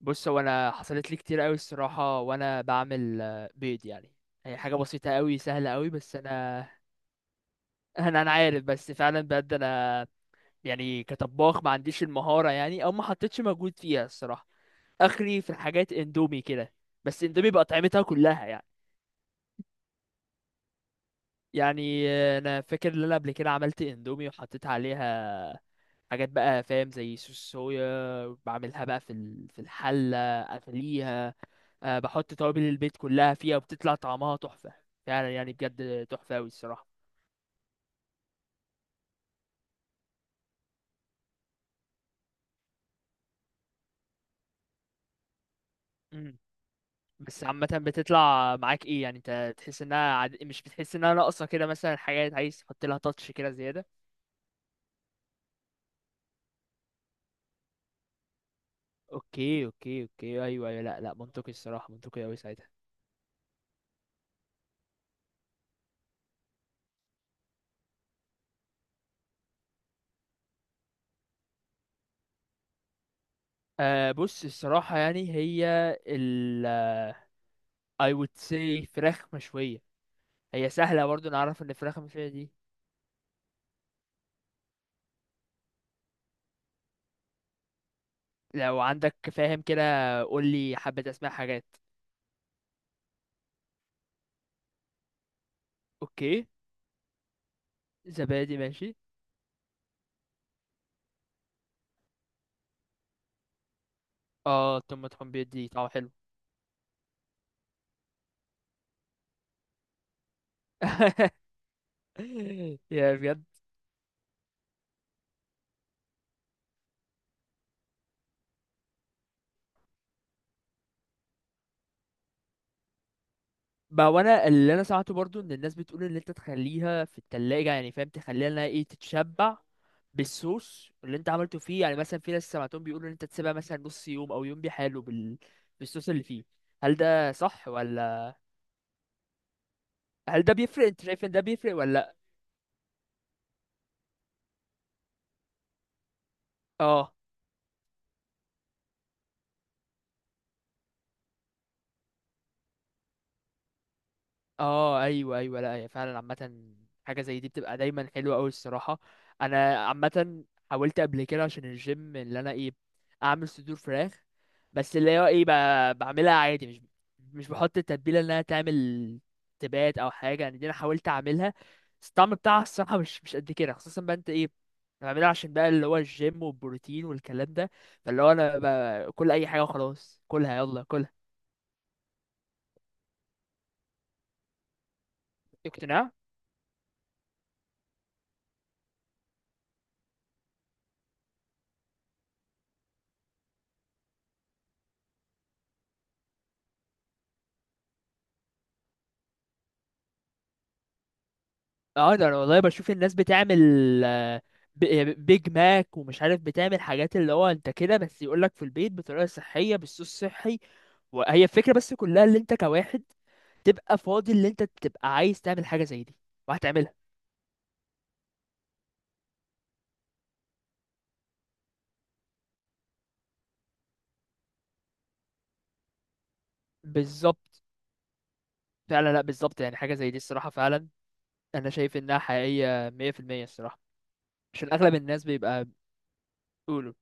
بص هو انا حصلت لي كتير قوي الصراحه، وانا بعمل بيض يعني. هي حاجه بسيطه قوي سهله قوي، بس انا انا عارف، بس فعلا بجد انا. يعني كطباخ ما عنديش المهاره، يعني او ما حطيتش مجهود فيها الصراحه. اخري في الحاجات اندومي كده. بس اندومي بقى طعمتها كلها يعني. يعني انا فاكر ان انا قبل كده عملت اندومي وحطيت عليها حاجات بقى فاهم، زي صوص صويا، بعملها بقى في الحله، اغليها. بحط توابل البيت كلها فيها، وبتطلع طعمها تحفة. فعلا يعني بجد تحفة أوي الصراحة. مم. بس عامة بتطلع معاك ايه؟ يعني انت تحس انها مش بتحس انها ناقصة كده، مثلا حاجات عايز تحط لها تاتش كده زيادة. اوكي، اوكي، اوكي، ايوه، ايوه، لا، لا، منطقي الصراحة، منطقي أوي ساعتها. أه بص الصراحة يعني هي ال I would say فراخ مشوية. هي سهلة برضو، نعرف ان الفراخ المشوية دي. لو عندك فاهم كده، قولي حبة اسماء حاجات. اوكي، زبادي ماشي. اه، توم مدحون بيدي طعم حلو. يا بجد. ما وانا اللي انا سمعته برضو ان الناس بتقول ان انت تخليها في التلاجة، يعني فاهم، تخليها انها ايه، تتشبع بالصوص اللي انت عملته فيه. يعني مثلا في ناس سمعتهم بيقولوا ان انت تسيبها مثلا نص يوم او يوم بحاله بالصوص اللي فيه. هل ده صح ولا؟ هل ده بيفرق؟ انت شايف ان ده بيفرق ولا لأ؟ اه، اه، ايوه، ايوه، لا هي فعلا عامه. حاجه زي دي بتبقى دايما حلوه قوي الصراحه. انا عامه حاولت قبل كده عشان الجيم، اللي انا ايه، اعمل صدور فراخ. بس اللي هو ايه، بعملها عادي، مش بحط التتبيله انها تعمل تبات او حاجه. يعني دي انا حاولت اعملها، بس الطعم بتاعها الصراحه مش قد كده، خصوصا بقى انت ايه. انا بعملها عشان بقى اللي هو الجيم والبروتين والكلام ده. فاللي هو انا كل اي حاجه وخلاص، كلها يلا كلها. اقتناع. اه، ده انا والله بشوف الناس بتعمل آه، بيج ماك ومش عارف، بتعمل حاجات اللي هو انت كده، بس يقولك في البيت بطريقة صحية بالصوص الصحي. وهي الفكرة بس كلها، اللي انت كواحد تبقى فاضي، اللي انت تبقى عايز تعمل حاجة زي دي وهتعملها. بالظبط، فعلا، لا بالظبط. يعني حاجة زي دي الصراحة فعلا، انا شايف انها حقيقية 100% الصراحة. عشان اغلب الناس بيبقى بيقولوا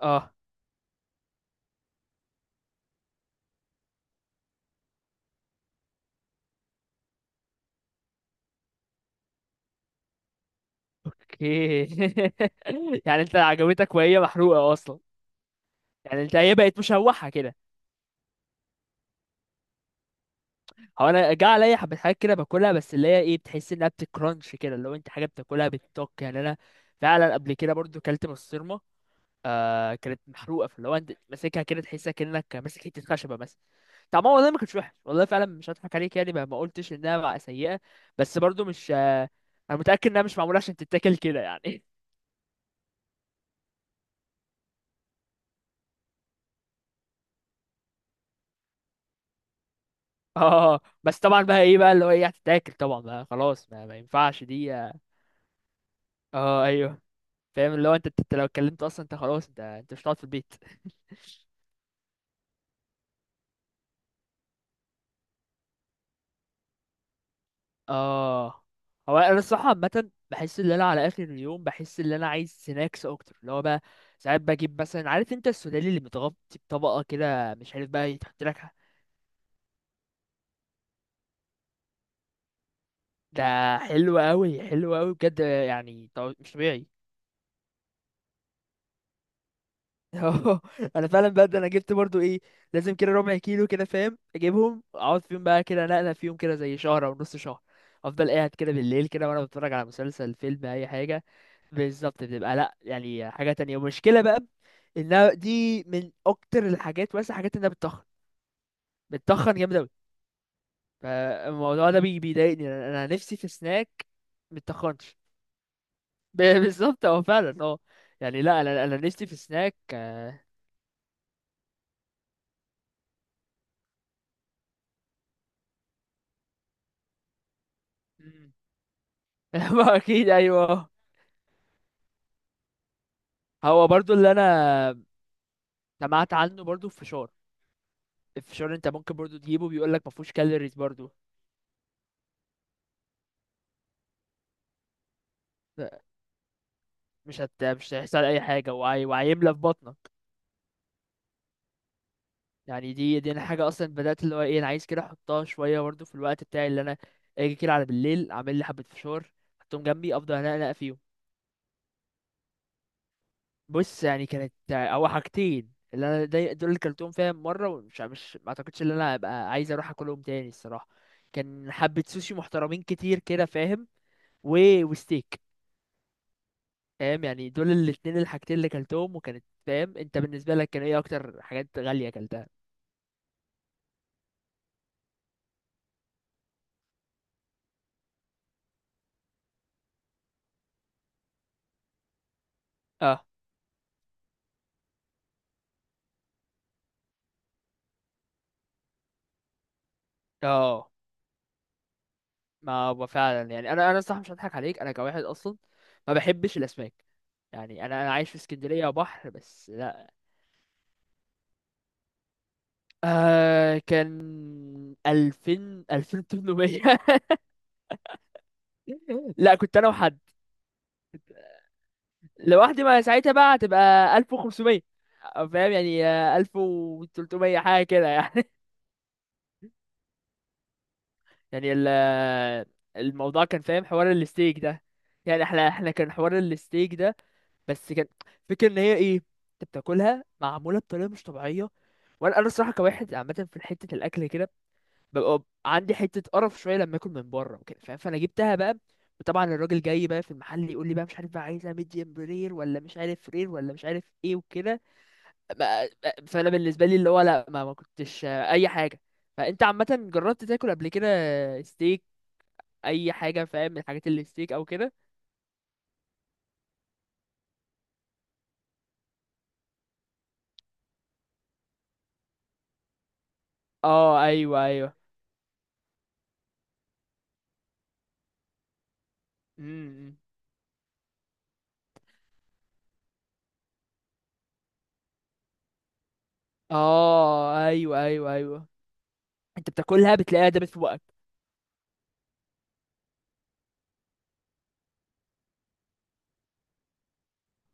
اه. اوكي. يعني انت عجبتك وهي محروقة اصلا؟ يعني انت هي بقت مشوحة كده. هو انا جه عليا حبه حاجات كده باكلها، بس اللي هي ايه بتحس انها بتكرانش كده، لو انت حاجه بتاكلها بتطق، يعني انا فعلا قبل كده برضو كلت بسطرمه كانت محروقه. فاللي هو انت ماسكها كده تحسها كانك ماسك حته خشبه مثلا. طعمها والله ما كانش وحش والله، فعلا مش هضحك عليك، يعني ما قلتش انها بقى سيئه. بس برضو مش انا متاكد انها مش معموله عشان تتاكل كده يعني. اه، بس طبعا بقى ايه بقى، اللي هو ايه، هتتاكل طبعا بقى خلاص. ما ينفعش دي، اه. ايوه، فاهم اللي هو انت لو اتكلمت اصلا انت خلاص، انت مش هتقعد في البيت. اه، هو انا الصراحه عامه بحس ان انا على اخر اليوم، بحس ان انا عايز سناكس اكتر. اللي هو بقى ساعات بجيب مثلا، عارف انت السوداني اللي متغطي بطبقه كده، مش عارف بقى يتحط لك ده حلو قوي، حلو قوي بجد، يعني مش طبيعي. اه، انا فعلا بجد انا جبت برضو ايه، لازم كده ربع كيلو كده فاهم، اجيبهم اقعد فيهم بقى كده نقله فيهم كده، زي شهر او نص شهر. افضل قاعد كده بالليل كده وانا بتفرج على مسلسل، فيلم، اي حاجه. بالظبط، بتبقى لا يعني حاجة تانية. ومشكلة بقى انها دي من اكتر الحاجات، مثلا حاجات انها بتتخن، بتتخن جامد اوي. فالموضوع ده بيضايقني، انا نفسي في سناك متتخنش. بالظبط، اه فعلا، اه. يعني لا، انا نفسي في سناك. مم. ما اكيد، ايوه. هو برضو اللي انا سمعت عنه برضو في فشار. الفشار انت ممكن برضو تجيبه، بيقول لك ما فيهوش كالوريز برضو. لا، مش هيحصل اي حاجه، وهيملى في بطنك. يعني دي انا حاجه اصلا بدات، اللي هو ايه، انا عايز كده احطها شويه برضه في الوقت بتاعي. اللي انا اجي كده على بالليل اعمل لي حبه فشار، احطهم جنبي، افضل انقنق فيهم. بص يعني كانت او حاجتين، اللي انا دول اللي كلتهم فيها مره، ومش مش ما اعتقدش ان انا ابقى عايز اروح اكلهم تاني الصراحه. كان حبه سوشي محترمين كتير كده فاهم، وستيك. فاهم يعني، دول الاتنين الحاجتين اللي كلتهم. وكانت فاهم، انت بالنسبه لك كان ايه اكتر حاجات غاليه كلتها؟ اه، اه. ما هو فعلا، يعني انا صح مش هضحك عليك، انا كواحد اصلا ما بحبش الاسماك. يعني انا عايش في اسكندريه بحر، بس لا. كان 2000، 2800. لا، كنت انا وحد. لوحدي ما ساعتها بقى هتبقى 1500، فاهم يعني 1300 حاجه كده يعني. يعني الموضوع كان فاهم حوار الستيك ده. يعني احنا كان حوار الستيك ده، بس كان فكرة ان هي ايه، انت بتاكلها معمولة بطريقة مش طبيعية. وانا الصراحة كواحد عامة في حتة الاكل كده ببقى عندي حتة قرف شوية لما اكل من بره وكده فاهم، فانا جبتها بقى. وطبعا الراجل جاي بقى في المحل يقول لي بقى، مش عارف بقى عايزها ميديم رير، ولا مش عارف رير، ولا مش عارف ايه وكده. ما- فانا بالنسبة لي اللي هو لا، ما كنتش اي حاجة. فانت عامة جربت تاكل قبل كده اي حاجه فاهم من الحاجات اللي ستيك او كده؟ اه، ايوه، ايوه، امم اه، ايوه، ايوه، ايوه. انت بتاكلها بتلاقيها دابت في بقك.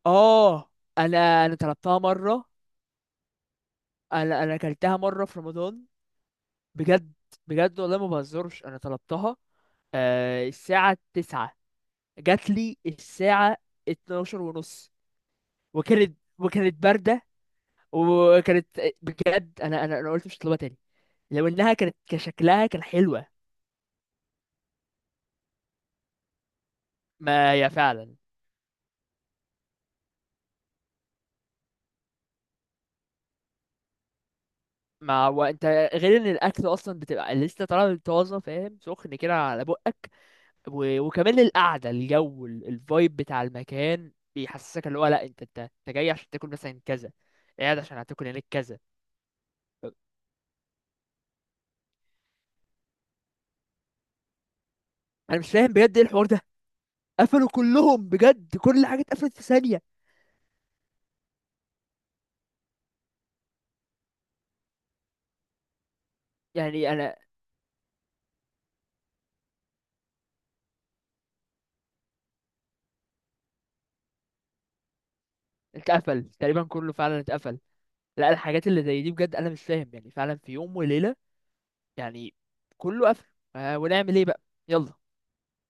اه، انا طلبتها مره. انا اكلتها مره في رمضان. بجد، بجد والله ما بهزرش، انا طلبتها. الساعه 9، جات لي الساعه 12 ونص. وكانت بارده. وكانت، بجد انا قلت مش هطلبها تاني. لو انها كانت كشكلها كان حلوه. ما هي فعلا. ما هو انت، غير ان الاكل اصلا بتبقى لسه طالع من طازه فاهم، سخن كده على بقك. وكمان القعده، الجو، الفايب بتاع المكان بيحسسك اللي هو لا، انت جاي عشان تاكل مثلا كذا، قاعد عشان هتاكل هناك كذا. انا مش فاهم بجد ايه الحوار ده. قفلوا كلهم بجد؟ كل حاجه اتقفلت في ثانيه؟ يعني انا، اتقفل تقريبا كله، فعلا اتقفل. لا الحاجات اللي زي دي بجد، انا مش فاهم، يعني فعلا في يوم وليله يعني كله قفل. ونعمل ايه بقى؟ يلا.